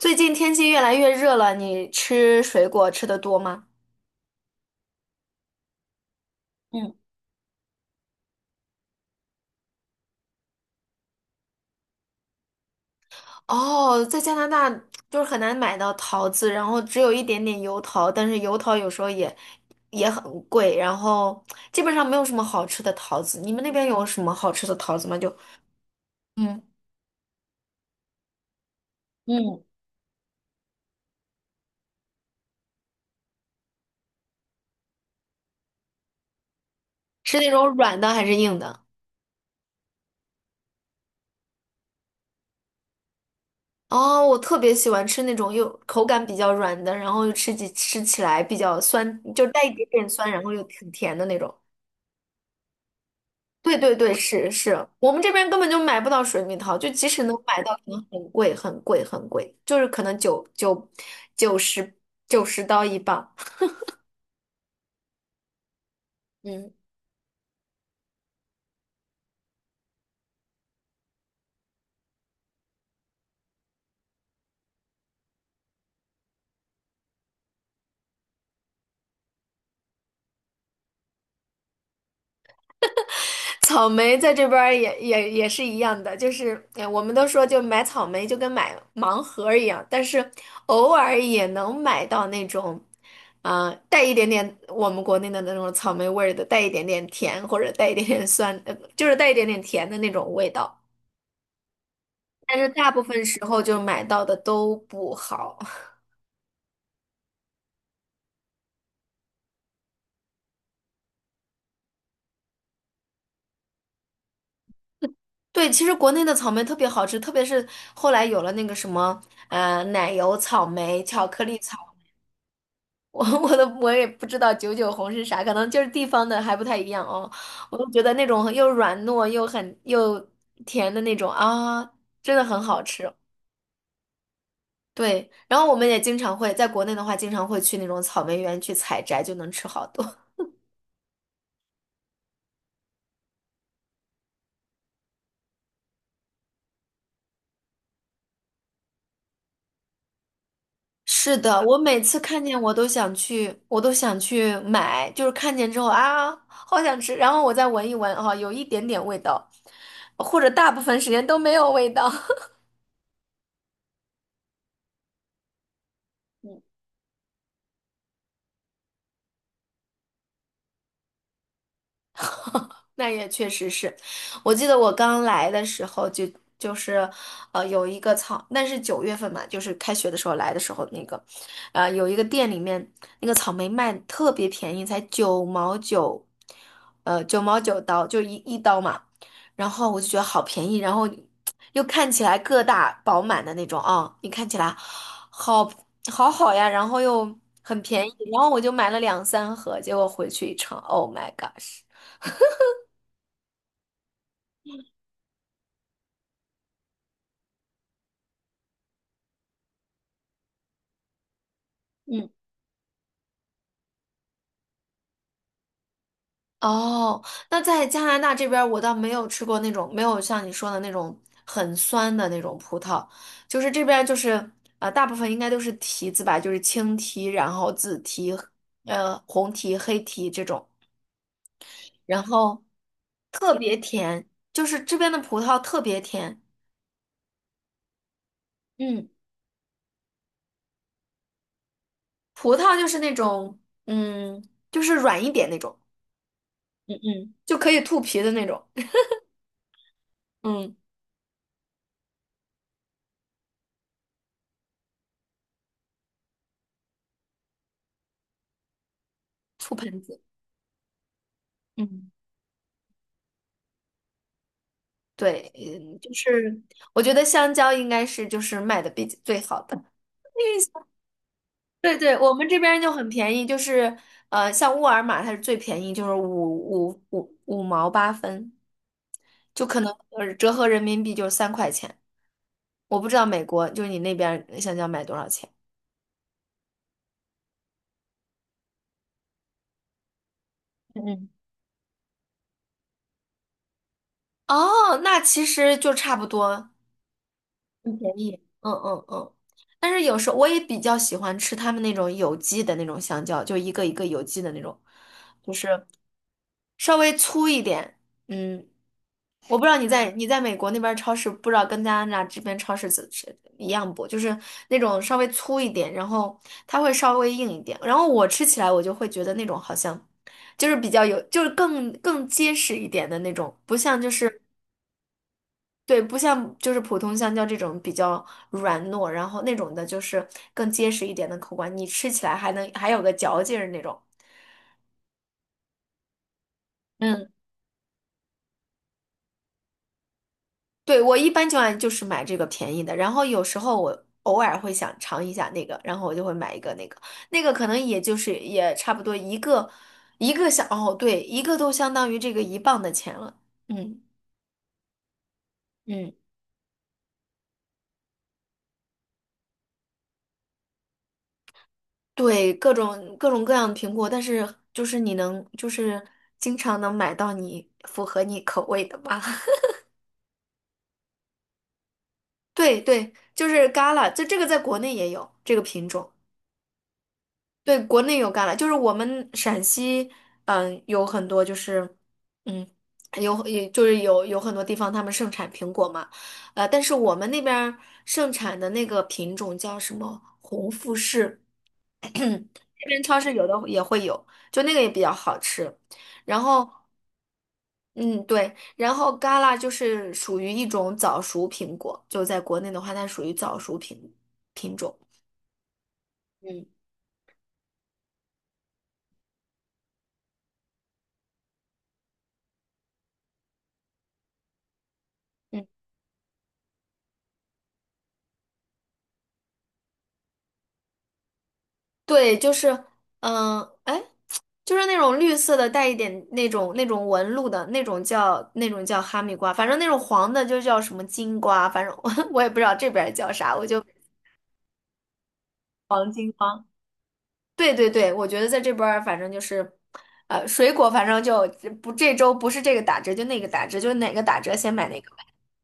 最近天气越来越热了，你吃水果吃的多吗？嗯。哦，在加拿大就是很难买到桃子，然后只有一点点油桃，但是油桃有时候也很贵，然后基本上没有什么好吃的桃子。你们那边有什么好吃的桃子吗？就，嗯，嗯，是那种软的还是硬的？哦，我特别喜欢吃那种又口感比较软的，然后又吃起来比较酸，就带一点点酸，然后又挺甜的那种。对对对，是是。我们这边根本就买不到水蜜桃，就即使能买到，可能很贵很贵很贵，就是可能九十九十刀一磅。嗯。草莓在这边儿也是一样的，就是哎我们都说就买草莓就跟买盲盒儿一样，但是偶尔也能买到那种，啊、带一点点我们国内的那种草莓味儿的，带一点点甜或者带一点点酸，就是带一点点甜的那种味道。但是大部分时候就买到的都不好。对，其实国内的草莓特别好吃，特别是后来有了那个什么，奶油草莓、巧克力草，我也不知道九九红是啥，可能就是地方的还不太一样哦。我就觉得那种又软糯又很又甜的那种啊，真的很好吃。对，然后我们也经常会在国内的话，经常会去那种草莓园去采摘，就能吃好多。是的，我每次看见我都想去，我都想去买，就是看见之后啊，好想吃，然后我再闻一闻，啊，有一点点味道，或者大部分时间都没有味道。那也确实是。我记得我刚来的时候就是，有一个草，那是9月份嘛，就是开学的时候来的时候那个，有一个店里面那个草莓卖得特别便宜，才九毛九，$0.99，就一刀嘛，然后我就觉得好便宜，然后又看起来个大饱满的那种啊，你看起来好好好呀，然后又很便宜，然后我就买了2、3盒，结果回去一尝，Oh my gosh！嗯。哦，那在加拿大这边儿，我倒没有吃过那种没有像你说的那种很酸的那种葡萄，就是这边儿就是大部分应该都是提子吧，就是青提，然后紫提，红提、黑提这种，然后特别甜，就是这边的葡萄特别甜。嗯。葡萄就是那种嗯，就是软一点那种。嗯嗯，就可以吐皮的那种。嗯，吐盆子。嗯。对，就是我觉得香蕉应该是就是卖的比最好的。对对，我们这边就很便宜，就是像沃尔玛它是最便宜，就是五毛八分，就可能折合人民币就是3块钱。我不知道美国就是你那边香蕉卖多少钱。嗯嗯。哦，那其实就差不多，很便宜。嗯嗯嗯，但是有时候我也比较喜欢吃他们那种有机的那种香蕉，就一个一个有机的那种，就是稍微粗一点。嗯，我不知道你在美国那边儿超市，不知道跟加拿大这边超市怎是一样不？就是那种稍微粗一点，然后它会稍微硬一点。然后我吃起来，我就会觉得那种好像就是比较有，就是更结实一点的那种，不像就是。对，不像就是普通香蕉这种比较软糯，然后那种的就是更结实一点的口感，你吃起来还能还有个嚼劲儿那种。嗯，对，我一般情况下就是买这个便宜的，然后有时候我偶尔会想尝一下那个，然后我就会买一个那个，那个可能也就是也差不多一个一个相，哦，对，一个都相当于这个一磅的钱了。嗯嗯。对，各种各样的苹果，但是就是你能就是经常能买到你符合你口味的吧？对对，就是 Gala，这个在国内也有这个品种。对，国内有 g a 就是我们陕西，嗯，有很多就是，嗯，有也就是有有很多地方他们盛产苹果嘛，但是我们那边儿盛产的那个品种叫什么红富士。这边超市有的也会有，就那个也比较好吃。然后，嗯，对，然后嘎啦就是属于一种早熟苹果，就在国内的话，它属于早熟品种。嗯嗯。对，就是，哎，就是那种绿色的，带一点那种纹路的那种叫哈密瓜，反正那种黄的就叫什么金瓜，反正我 我也不知道这边儿叫啥，我就黄金瓜。对对对，我觉得在这边儿反正就是，水果反正就不这周不是这个打折就那个打折，就哪个打折先买哪个呗。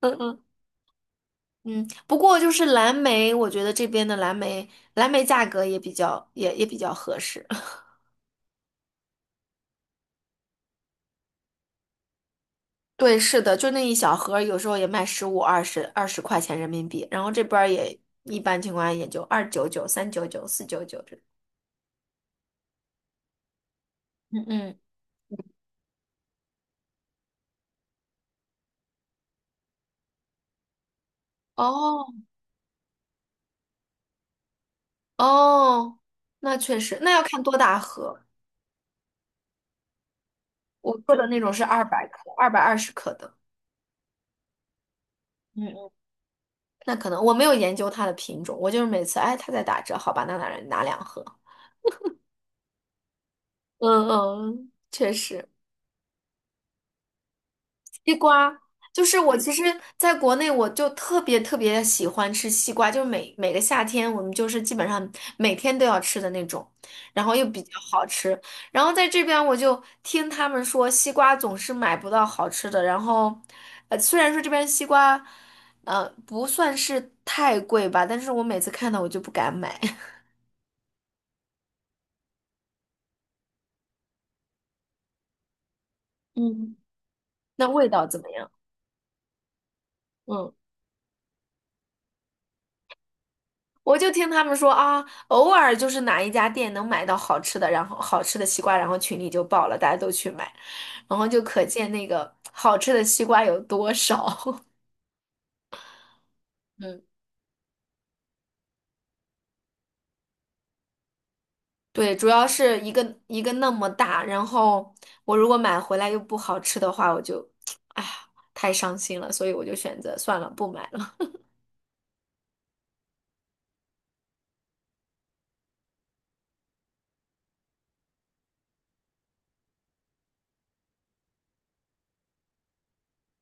嗯嗯嗯，不过就是蓝莓，我觉得这边的蓝莓价格也比较合适。对，是的，就那一小盒儿有时候也卖15、20、20块钱人民币，然后这边儿也一般情况下也就2.99、3.99、4.99这种。嗯嗯，哦哦，那确实，那要看多大盒。我喝的那种是200克、220克的，嗯嗯，那可能我没有研究它的品种，我就是每次哎它在打折，好吧，那拿2盒。嗯嗯，嗯确实。西瓜，就是我其实在国内我就特别特别喜欢吃西瓜，就是每个夏天我们就是基本上每天都要吃的那种，然后又比较好吃。然后在这边我就听他们说西瓜总是买不到好吃的，然后虽然说这边西瓜不算是太贵吧，但是我每次看到我就不敢买。嗯。那味道怎么样？嗯。我就听他们说啊，偶尔就是哪一家店能买到好吃的，然后好吃的西瓜，然后群里就爆了，大家都去买，然后就可见那个好吃的西瓜有多少。嗯，对，主要是一个一个那么大，然后我如果买回来又不好吃的话，我就，哎呀，太伤心了，所以我就选择算了，不买了。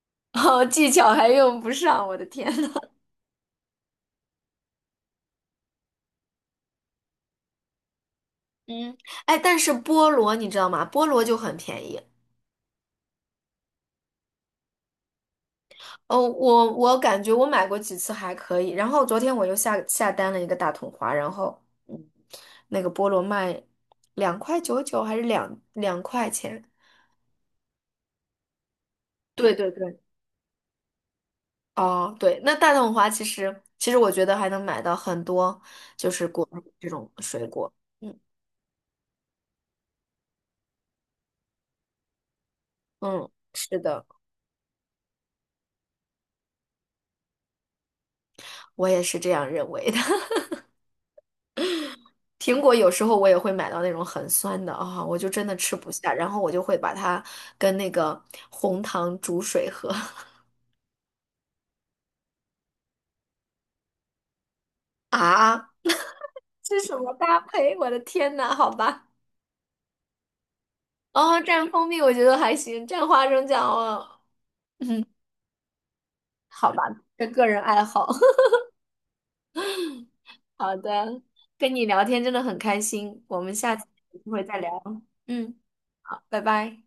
哦，技巧还用不上，我的天呐。嗯，哎，但是菠萝你知道吗？菠萝就很便宜。哦，我感觉我买过几次还可以，然后昨天我又下单了一个大桶花，然后嗯，那个菠萝卖2.99还是两块钱？对对对。哦，对，那大桶花其实我觉得还能买到很多就是果这种水果，嗯嗯，是的，我也是这样认为的。苹果有时候我也会买到那种很酸的啊，我就真的吃不下，然后我就会把它跟那个红糖煮水喝 啊。是什么搭配？我的天呐，好吧。哦，蘸蜂蜜我觉得还行，蘸花生酱哦，嗯，好吧，这个人爱好。好的，跟你聊天真的很开心，我们下次有机会再聊。嗯，好，拜拜。